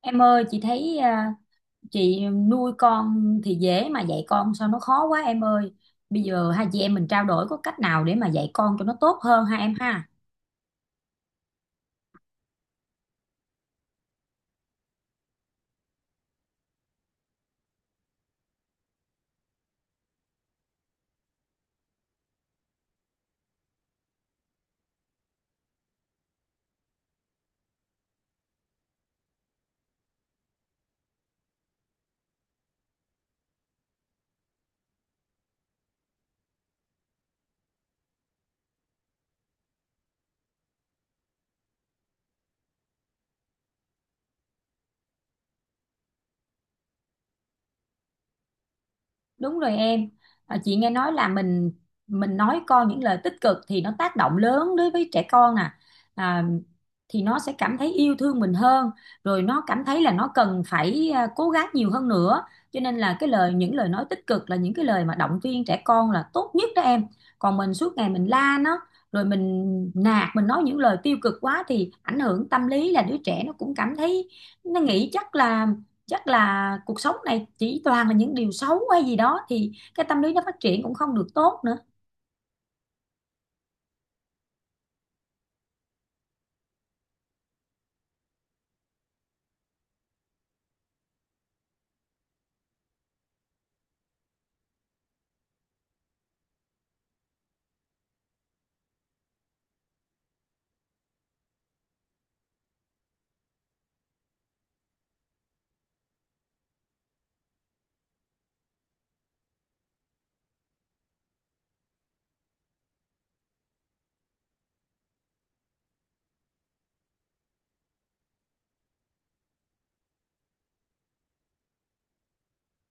Em ơi, chị thấy chị nuôi con thì dễ mà dạy con sao nó khó quá em ơi. Bây giờ hai chị em mình trao đổi có cách nào để mà dạy con cho nó tốt hơn ha em ha? Đúng rồi em. Chị nghe nói là mình nói con những lời tích cực thì nó tác động lớn đối với trẻ con nè. à, thì nó sẽ cảm thấy yêu thương mình hơn, rồi nó cảm thấy là nó cần phải cố gắng nhiều hơn nữa. Cho nên là cái lời những lời nói tích cực là những cái lời mà động viên trẻ con là tốt nhất đó em. Còn mình suốt ngày mình la nó, rồi mình nạt, mình nói những lời tiêu cực quá thì ảnh hưởng tâm lý là đứa trẻ nó cũng cảm thấy nó nghĩ chắc là cuộc sống này chỉ toàn là những điều xấu hay gì đó thì cái tâm lý nó phát triển cũng không được tốt nữa.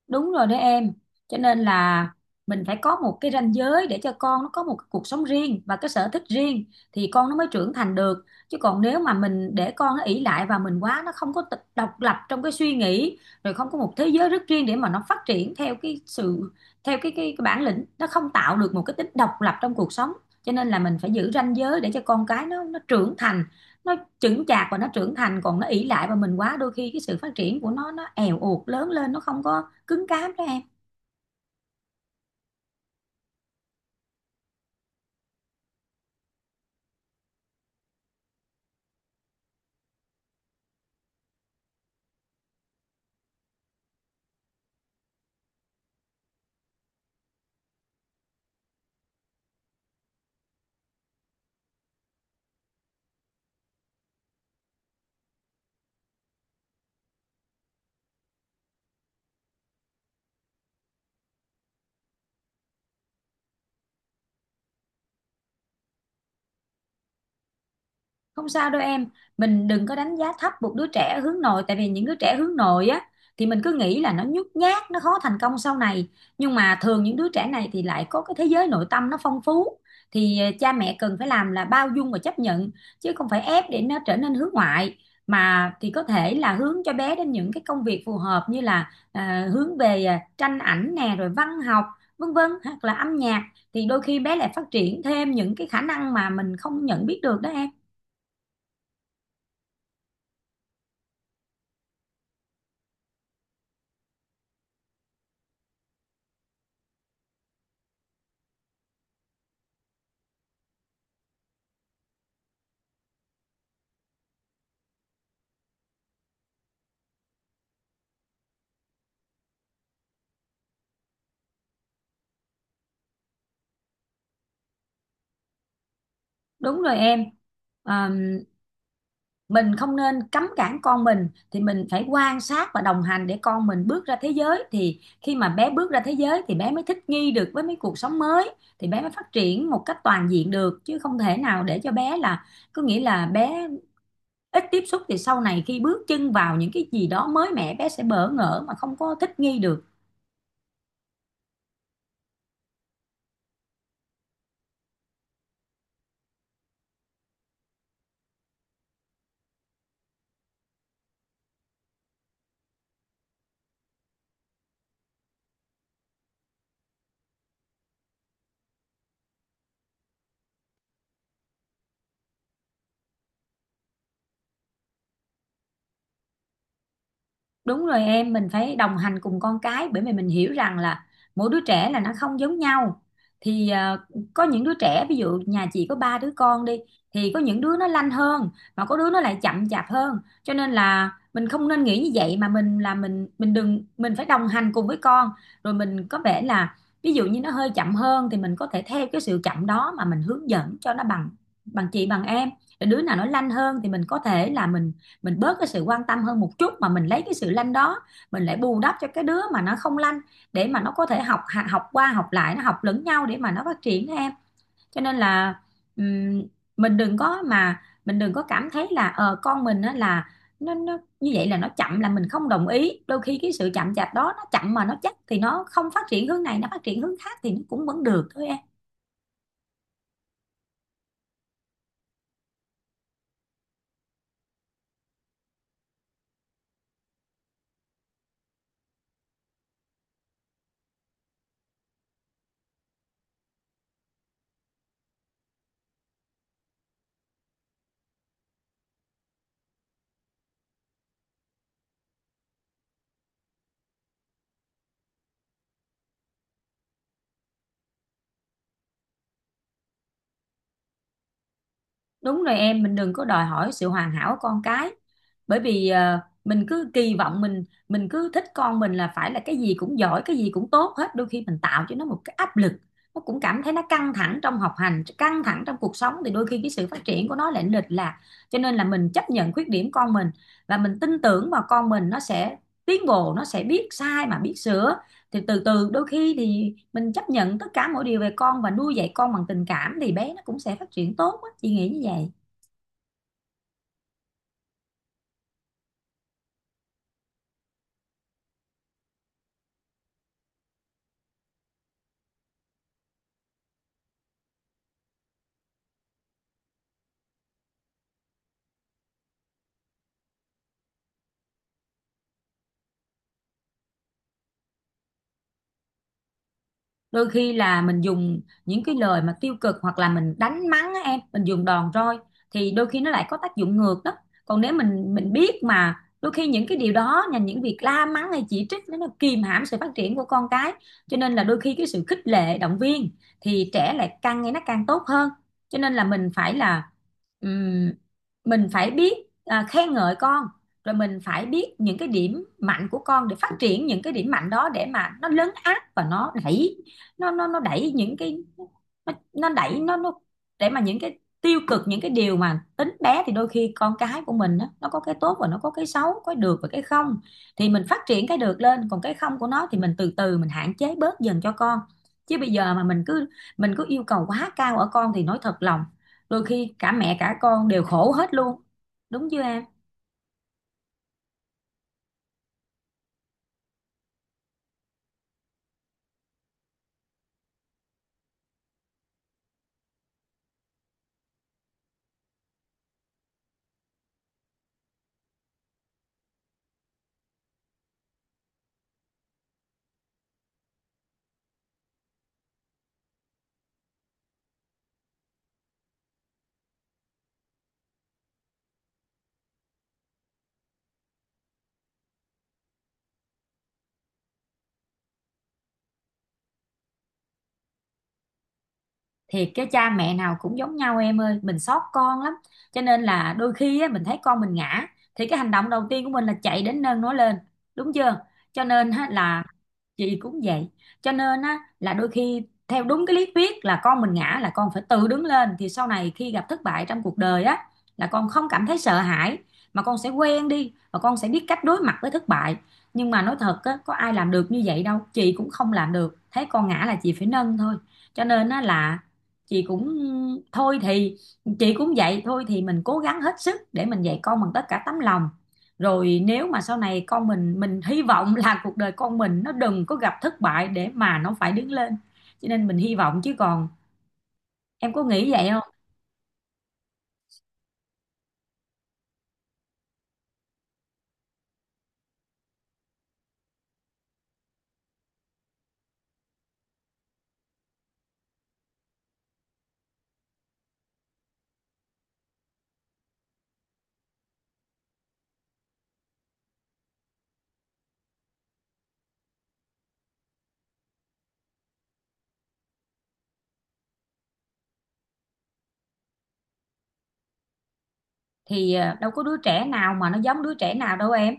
Đúng rồi đó em, cho nên là mình phải có một cái ranh giới để cho con nó có một cái cuộc sống riêng và cái sở thích riêng thì con nó mới trưởng thành được, chứ còn nếu mà mình để con nó ỷ lại và mình quá nó không có độc lập trong cái suy nghĩ, rồi không có một thế giới rất riêng để mà nó phát triển theo cái sự theo cái bản lĩnh, nó không tạo được một cái tính độc lập trong cuộc sống. Cho nên là mình phải giữ ranh giới để cho con cái nó trưởng thành, nó chững chạc và nó trưởng thành, còn nó ỷ lại và mình quá đôi khi cái sự phát triển của nó èo uột, lớn lên nó không có cứng cáp đó em. Không sao đâu em, mình đừng có đánh giá thấp một đứa trẻ hướng nội, tại vì những đứa trẻ hướng nội á thì mình cứ nghĩ là nó nhút nhát, nó khó thành công sau này. Nhưng mà thường những đứa trẻ này thì lại có cái thế giới nội tâm nó phong phú. Thì cha mẹ cần phải làm là bao dung và chấp nhận, chứ không phải ép để nó trở nên hướng ngoại, mà thì có thể là hướng cho bé đến những cái công việc phù hợp, như là hướng về tranh ảnh nè, rồi văn học, vân vân, hoặc là âm nhạc, thì đôi khi bé lại phát triển thêm những cái khả năng mà mình không nhận biết được đó em. Đúng rồi em. À, mình không nên cấm cản con mình, thì mình phải quan sát và đồng hành để con mình bước ra thế giới, thì khi mà bé bước ra thế giới thì bé mới thích nghi được với mấy cuộc sống mới, thì bé mới phát triển một cách toàn diện được, chứ không thể nào để cho bé là có nghĩa là bé ít tiếp xúc, thì sau này khi bước chân vào những cái gì đó mới mẻ bé sẽ bỡ ngỡ mà không có thích nghi được. Đúng rồi em, mình phải đồng hành cùng con cái, bởi vì mình hiểu rằng là mỗi đứa trẻ là nó không giống nhau. Thì có những đứa trẻ, ví dụ nhà chị có ba đứa con đi, thì có những đứa nó lanh hơn mà có đứa nó lại chậm chạp hơn. Cho nên là mình không nên nghĩ như vậy, mà mình là mình đừng mình phải đồng hành cùng với con. Rồi mình có vẻ là Ví dụ như nó hơi chậm hơn thì mình có thể theo cái sự chậm đó mà mình hướng dẫn cho nó bằng bằng chị bằng em. Rồi đứa nào nó lanh hơn thì mình có thể là mình bớt cái sự quan tâm hơn một chút, mà mình lấy cái sự lanh đó mình lại bù đắp cho cái đứa mà nó không lanh, để mà nó có thể học học qua học lại, nó học lẫn nhau để mà nó phát triển em. Cho nên là ừm, mình đừng có cảm thấy là con mình á là nó như vậy là nó chậm là mình không đồng ý, đôi khi cái sự chậm chạp đó, nó chậm mà nó chắc, thì nó không phát triển hướng này nó phát triển hướng khác, thì nó cũng vẫn được thôi em. Đúng rồi em, mình đừng có đòi hỏi sự hoàn hảo của con cái. Bởi vì mình cứ kỳ vọng mình mình cứ thích con mình là phải là cái gì cũng giỏi, cái gì cũng tốt hết. Đôi khi mình tạo cho nó một cái áp lực, nó cũng cảm thấy nó căng thẳng trong học hành, căng thẳng trong cuộc sống, thì đôi khi cái sự phát triển của nó lại lệch lạc. Cho nên là mình chấp nhận khuyết điểm con mình, và mình tin tưởng vào con mình nó sẽ tiến bộ, nó sẽ biết sai mà biết sửa, thì từ từ đôi khi thì mình chấp nhận tất cả mọi điều về con và nuôi dạy con bằng tình cảm thì bé nó cũng sẽ phát triển tốt á, chị nghĩ như vậy. Đôi khi là mình dùng những cái lời mà tiêu cực, hoặc là mình đánh mắng á em, mình dùng đòn roi thì đôi khi nó lại có tác dụng ngược đó. Còn nếu mình biết mà đôi khi những cái điều đó là những việc la mắng hay chỉ trích, nó kìm hãm sự phát triển của con cái. Cho nên là đôi khi cái sự khích lệ động viên thì trẻ lại càng ngày nó càng tốt hơn. Cho nên là ừm, mình phải biết khen ngợi con, rồi mình phải biết những cái điểm mạnh của con để phát triển những cái điểm mạnh đó, để mà nó lấn át và nó đẩy những cái nó đẩy nó để mà những cái tiêu cực, những cái điều mà tính bé, thì đôi khi con cái của mình á, nó có cái tốt và nó có cái xấu, có cái được và cái không, thì mình phát triển cái được lên, còn cái không của nó thì mình từ từ mình hạn chế bớt dần cho con. Chứ bây giờ mà mình cứ yêu cầu quá cao ở con thì nói thật lòng, đôi khi cả mẹ cả con đều khổ hết luôn, đúng chưa em? Thiệt, cái cha mẹ nào cũng giống nhau em ơi, mình xót con lắm. Cho nên là đôi khi á, mình thấy con mình ngã thì cái hành động đầu tiên của mình là chạy đến nâng nó lên, đúng chưa? Cho nên á, là chị cũng vậy. Cho nên á, là đôi khi theo đúng cái lý thuyết là con mình ngã là con phải tự đứng lên, thì sau này khi gặp thất bại trong cuộc đời á là con không cảm thấy sợ hãi, mà con sẽ quen đi và con sẽ biết cách đối mặt với thất bại. Nhưng mà nói thật á, có ai làm được như vậy đâu, chị cũng không làm được, thấy con ngã là chị phải nâng thôi. Cho nên á, là chị cũng thôi thì chị cũng vậy, thôi thì mình cố gắng hết sức để mình dạy con bằng tất cả tấm lòng, rồi nếu mà sau này con mình hy vọng là cuộc đời con mình nó đừng có gặp thất bại để mà nó phải đứng lên. Cho nên mình hy vọng, chứ còn em có nghĩ vậy không? Thì đâu có đứa trẻ nào mà nó giống đứa trẻ nào đâu em.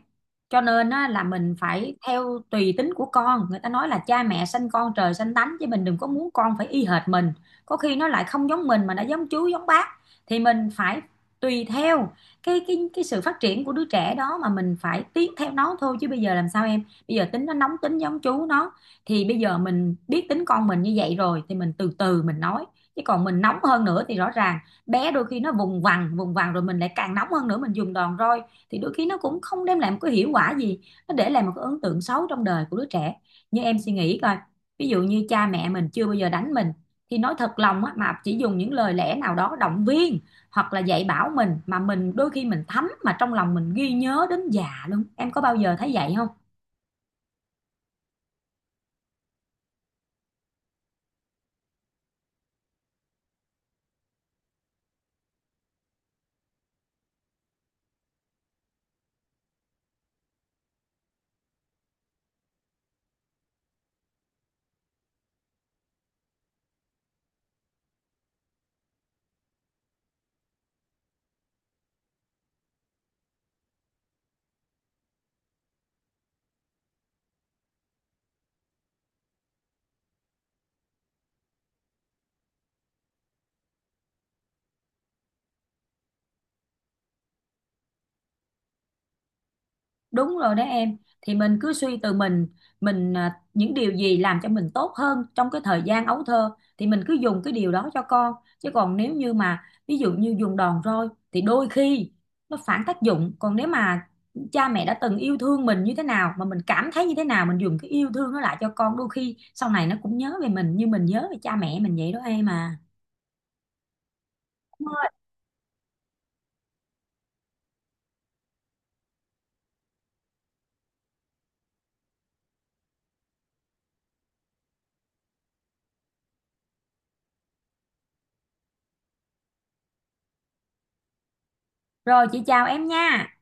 Cho nên á, là mình phải theo tùy tính của con, người ta nói là cha mẹ sanh con trời sanh tánh, chứ mình đừng có muốn con phải y hệt mình, có khi nó lại không giống mình mà nó giống chú giống bác. Thì mình phải tùy theo cái sự phát triển của đứa trẻ đó mà mình phải tiến theo nó thôi, chứ bây giờ làm sao em? Bây giờ tính nó nóng tính giống chú nó, thì bây giờ mình biết tính con mình như vậy rồi thì mình từ từ mình nói, chứ còn mình nóng hơn nữa thì rõ ràng bé đôi khi nó vùng vằng rồi mình lại càng nóng hơn nữa, mình dùng đòn roi thì đôi khi nó cũng không đem lại một cái hiệu quả gì, nó để lại một cái ấn tượng xấu trong đời của đứa trẻ. Như em suy nghĩ coi, ví dụ như cha mẹ mình chưa bao giờ đánh mình, thì nói thật lòng á, mà chỉ dùng những lời lẽ nào đó động viên hoặc là dạy bảo mình, mà mình đôi khi mình thấm, mà trong lòng mình ghi nhớ đến già luôn, em có bao giờ thấy vậy không? Đúng rồi đấy em, thì mình cứ suy từ mình, những điều gì làm cho mình tốt hơn trong cái thời gian ấu thơ thì mình cứ dùng cái điều đó cho con, chứ còn nếu như mà ví dụ như dùng đòn roi thì đôi khi nó phản tác dụng. Còn nếu mà cha mẹ đã từng yêu thương mình như thế nào, mà mình cảm thấy như thế nào, mình dùng cái yêu thương nó lại cho con, đôi khi sau này nó cũng nhớ về mình như mình nhớ về cha mẹ mình vậy đó em. Rồi chị chào em nha.